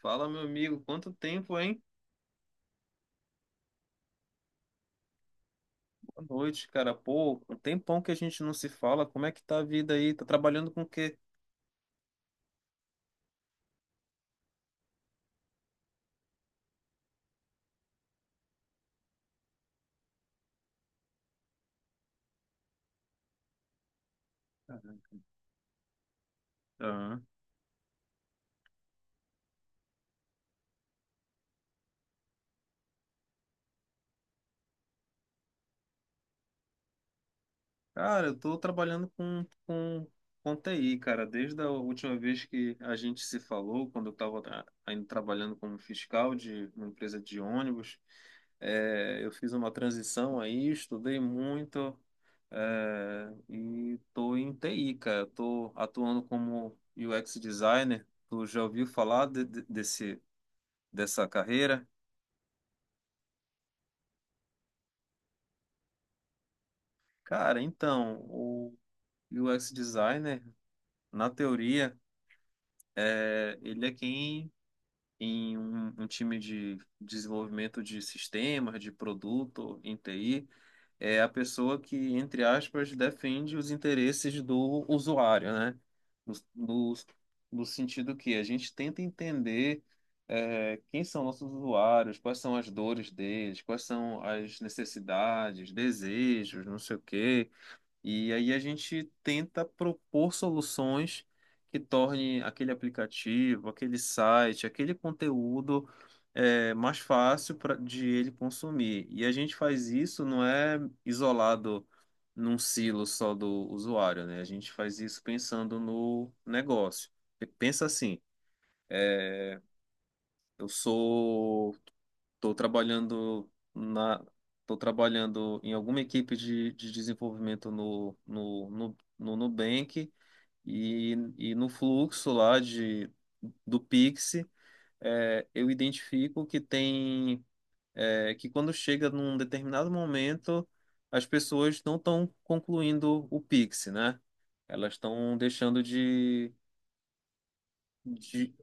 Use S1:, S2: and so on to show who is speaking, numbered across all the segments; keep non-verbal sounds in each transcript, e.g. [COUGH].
S1: Fala, meu amigo, quanto tempo, hein? Boa noite, cara. Pô, um tempão que a gente não se fala. Como é que tá a vida aí? Tá trabalhando com o quê? Aham. Cara, eu tô trabalhando com TI, cara. Desde a última vez que a gente se falou, quando eu estava ainda trabalhando como fiscal de uma empresa de ônibus, eu fiz uma transição aí, estudei muito, e tô em TI, cara. Tô atuando como UX designer. Tu já ouviu falar desse, dessa carreira? Cara, então, o UX designer, na teoria, ele é quem em um time de desenvolvimento de sistemas, de produto, em TI, é a pessoa que, entre aspas, defende os interesses do usuário, né? No, no, no sentido que a gente tenta entender quem são nossos usuários, quais são as dores deles, quais são as necessidades, desejos, não sei o quê. E aí a gente tenta propor soluções que tornem aquele aplicativo, aquele site, aquele conteúdo mais fácil pra, de ele consumir. E a gente faz isso, não é isolado num silo só do usuário, né? A gente faz isso pensando no negócio. Pensa assim, eh, eu sou Estou trabalhando tô trabalhando em alguma equipe de desenvolvimento no Nubank e no fluxo lá de, do Pix, eu identifico que tem, que quando chega num determinado momento, as pessoas não estão concluindo o Pix, né? Elas estão deixando de,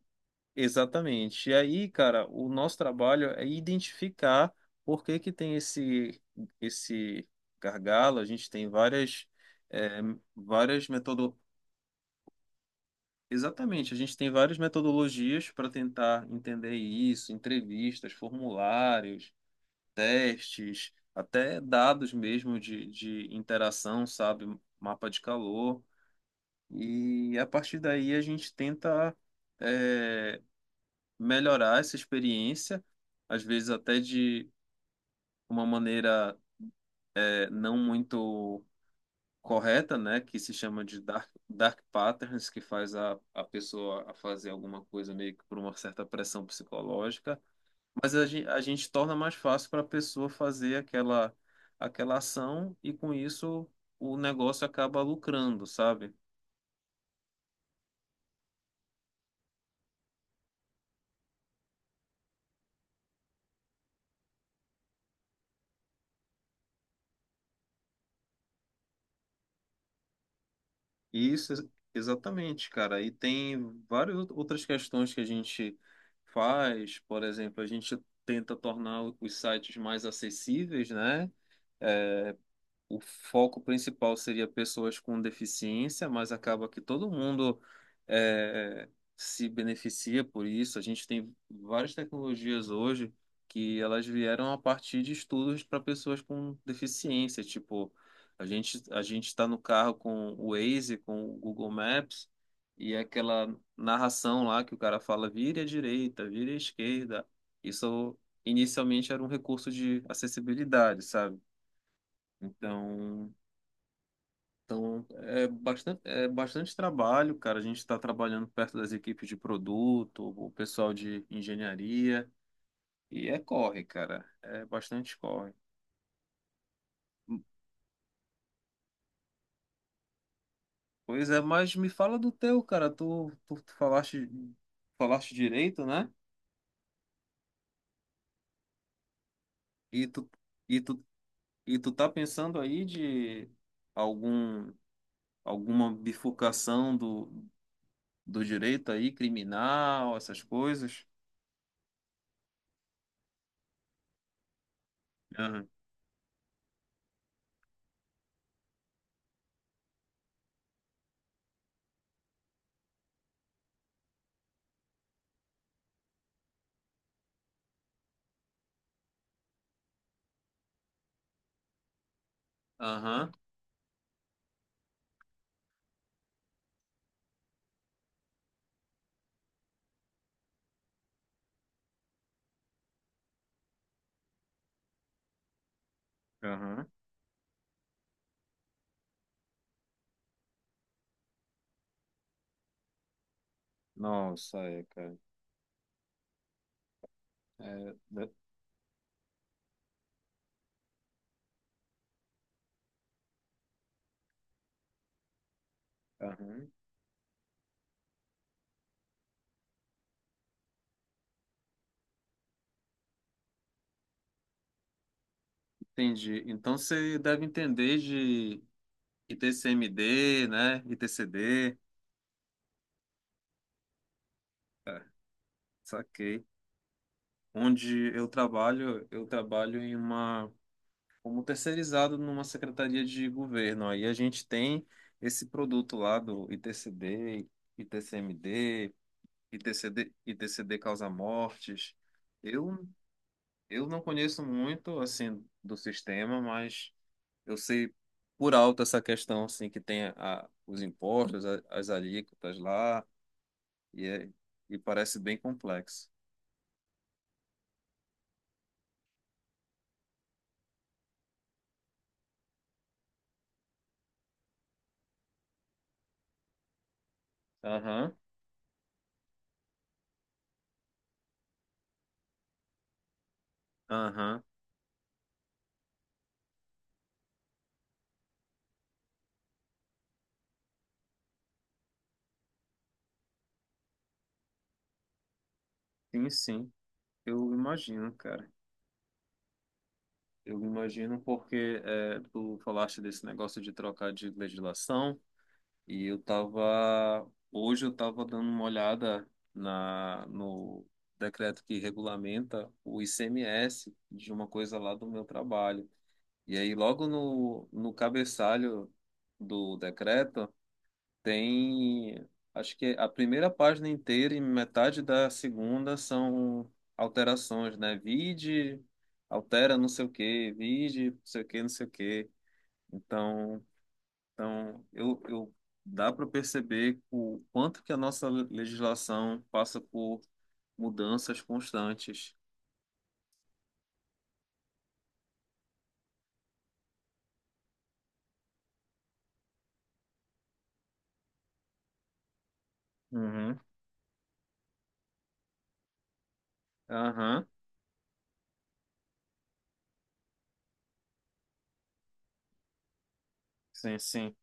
S1: Exatamente. E aí, cara, o nosso trabalho é identificar por que que tem esse gargalo. A gente tem várias é, várias metodo... Exatamente, a gente tem várias metodologias para tentar entender isso, entrevistas, formulários, testes, até dados mesmo de interação, sabe? Mapa de calor. E a partir daí a gente tenta eh, melhorar essa experiência, às vezes até de uma maneira não muito correta, né, que se chama de dark patterns, que faz a pessoa a fazer alguma coisa meio que por uma certa pressão psicológica, mas a gente torna mais fácil para a pessoa fazer aquela, aquela ação e com isso o negócio acaba lucrando, sabe? Isso, ex- exatamente, cara. E tem várias outras questões que a gente faz. Por exemplo, a gente tenta tornar os sites mais acessíveis, né? O foco principal seria pessoas com deficiência, mas acaba que todo mundo é, se beneficia por isso. A gente tem várias tecnologias hoje que elas vieram a partir de estudos para pessoas com deficiência. Tipo, a gente está no carro com o Waze, com o Google Maps e é aquela narração lá que o cara fala, vire à direita, vire à esquerda. Isso inicialmente era um recurso de acessibilidade, sabe? Então, então, é bastante trabalho, cara. A gente está trabalhando perto das equipes de produto, o pessoal de engenharia, e é corre, cara. É bastante corre. Pois é, mas me fala do teu, cara. Tu falaste, falaste direito, né? E tu, e tu, e tu tá pensando aí de algum, alguma bifurcação do, do direito aí, criminal, essas coisas? Aham. Aham. Aham. Nossa, é, cara. É, aham, entendi. Então você deve entender de ITCMD, né? ITCD, saquei. Onde eu trabalho em uma como terceirizado numa secretaria de governo. Aí a gente tem esse produto lá do ITCD, ITCMD, ITCD, ITCD causa mortes. Eu eu não conheço muito assim do sistema, mas eu sei por alto essa questão, assim, que tem os impostos, as alíquotas lá, e, é- e parece bem complexo. Aham, aham, sim, sim, eu imagino, cara. Eu imagino porque é, tu falaste desse negócio de trocar de legislação, e eu tava, hoje eu tava dando uma olhada no decreto que regulamenta o ICMS de uma coisa lá do meu trabalho. E aí, logo no cabeçalho do decreto, tem, acho que a primeira página inteira e metade da segunda são alterações, né? Vide, altera não sei o quê, vide, não sei o quê, não sei o quê. Então, eu dá para perceber o quanto que a nossa legislação passa por mudanças constantes. Uhum. Aham, sim, sim.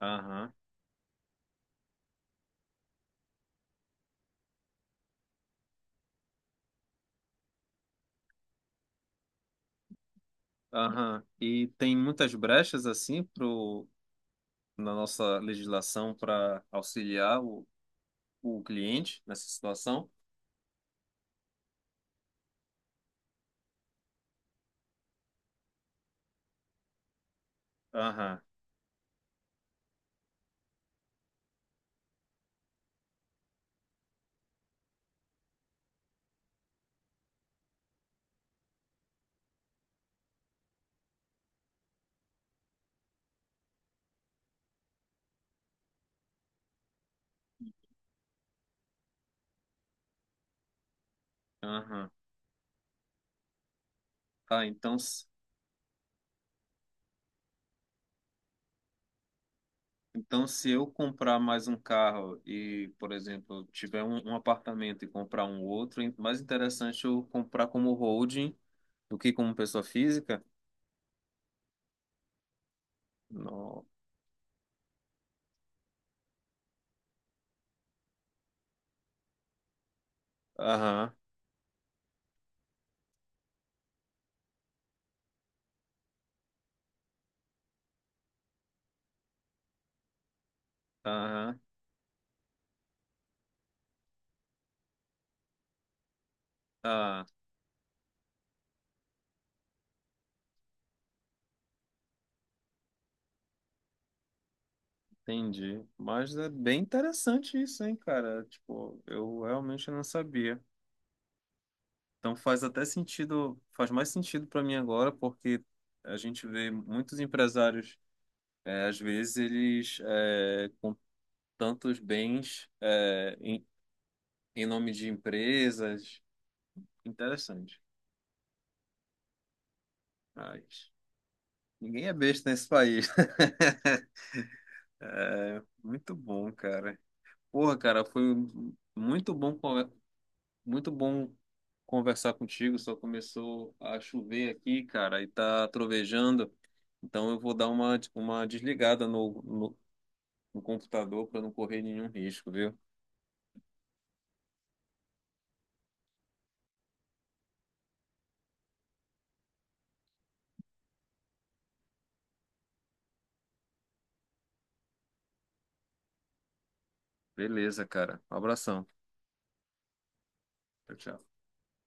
S1: Aham. Aham. E tem muitas brechas assim pro, na nossa legislação para auxiliar o cliente nessa situação? Aham, aham. Tá, então, s- então se eu comprar mais um carro e, por exemplo, tiver um, um apartamento e comprar um outro, é mais interessante eu comprar como holding do que como pessoa física? No. Aham, aham. Ah, entendi. Mas é bem interessante isso, hein, cara? Tipo, eu realmente não sabia. Então faz até sentido, faz mais sentido para mim agora, porque a gente vê muitos empresários, às vezes eles com tantos bens em nome de empresas. Interessante. Mas ninguém é besta nesse país. [LAUGHS] Muito bom, cara. Porra, cara, foi muito bom muito bom conversar contigo. Só começou a chover aqui, cara, e tá trovejando. Então eu vou dar uma desligada no computador para não correr nenhum risco, viu? Beleza, cara. Um abração. Tchau, tchau.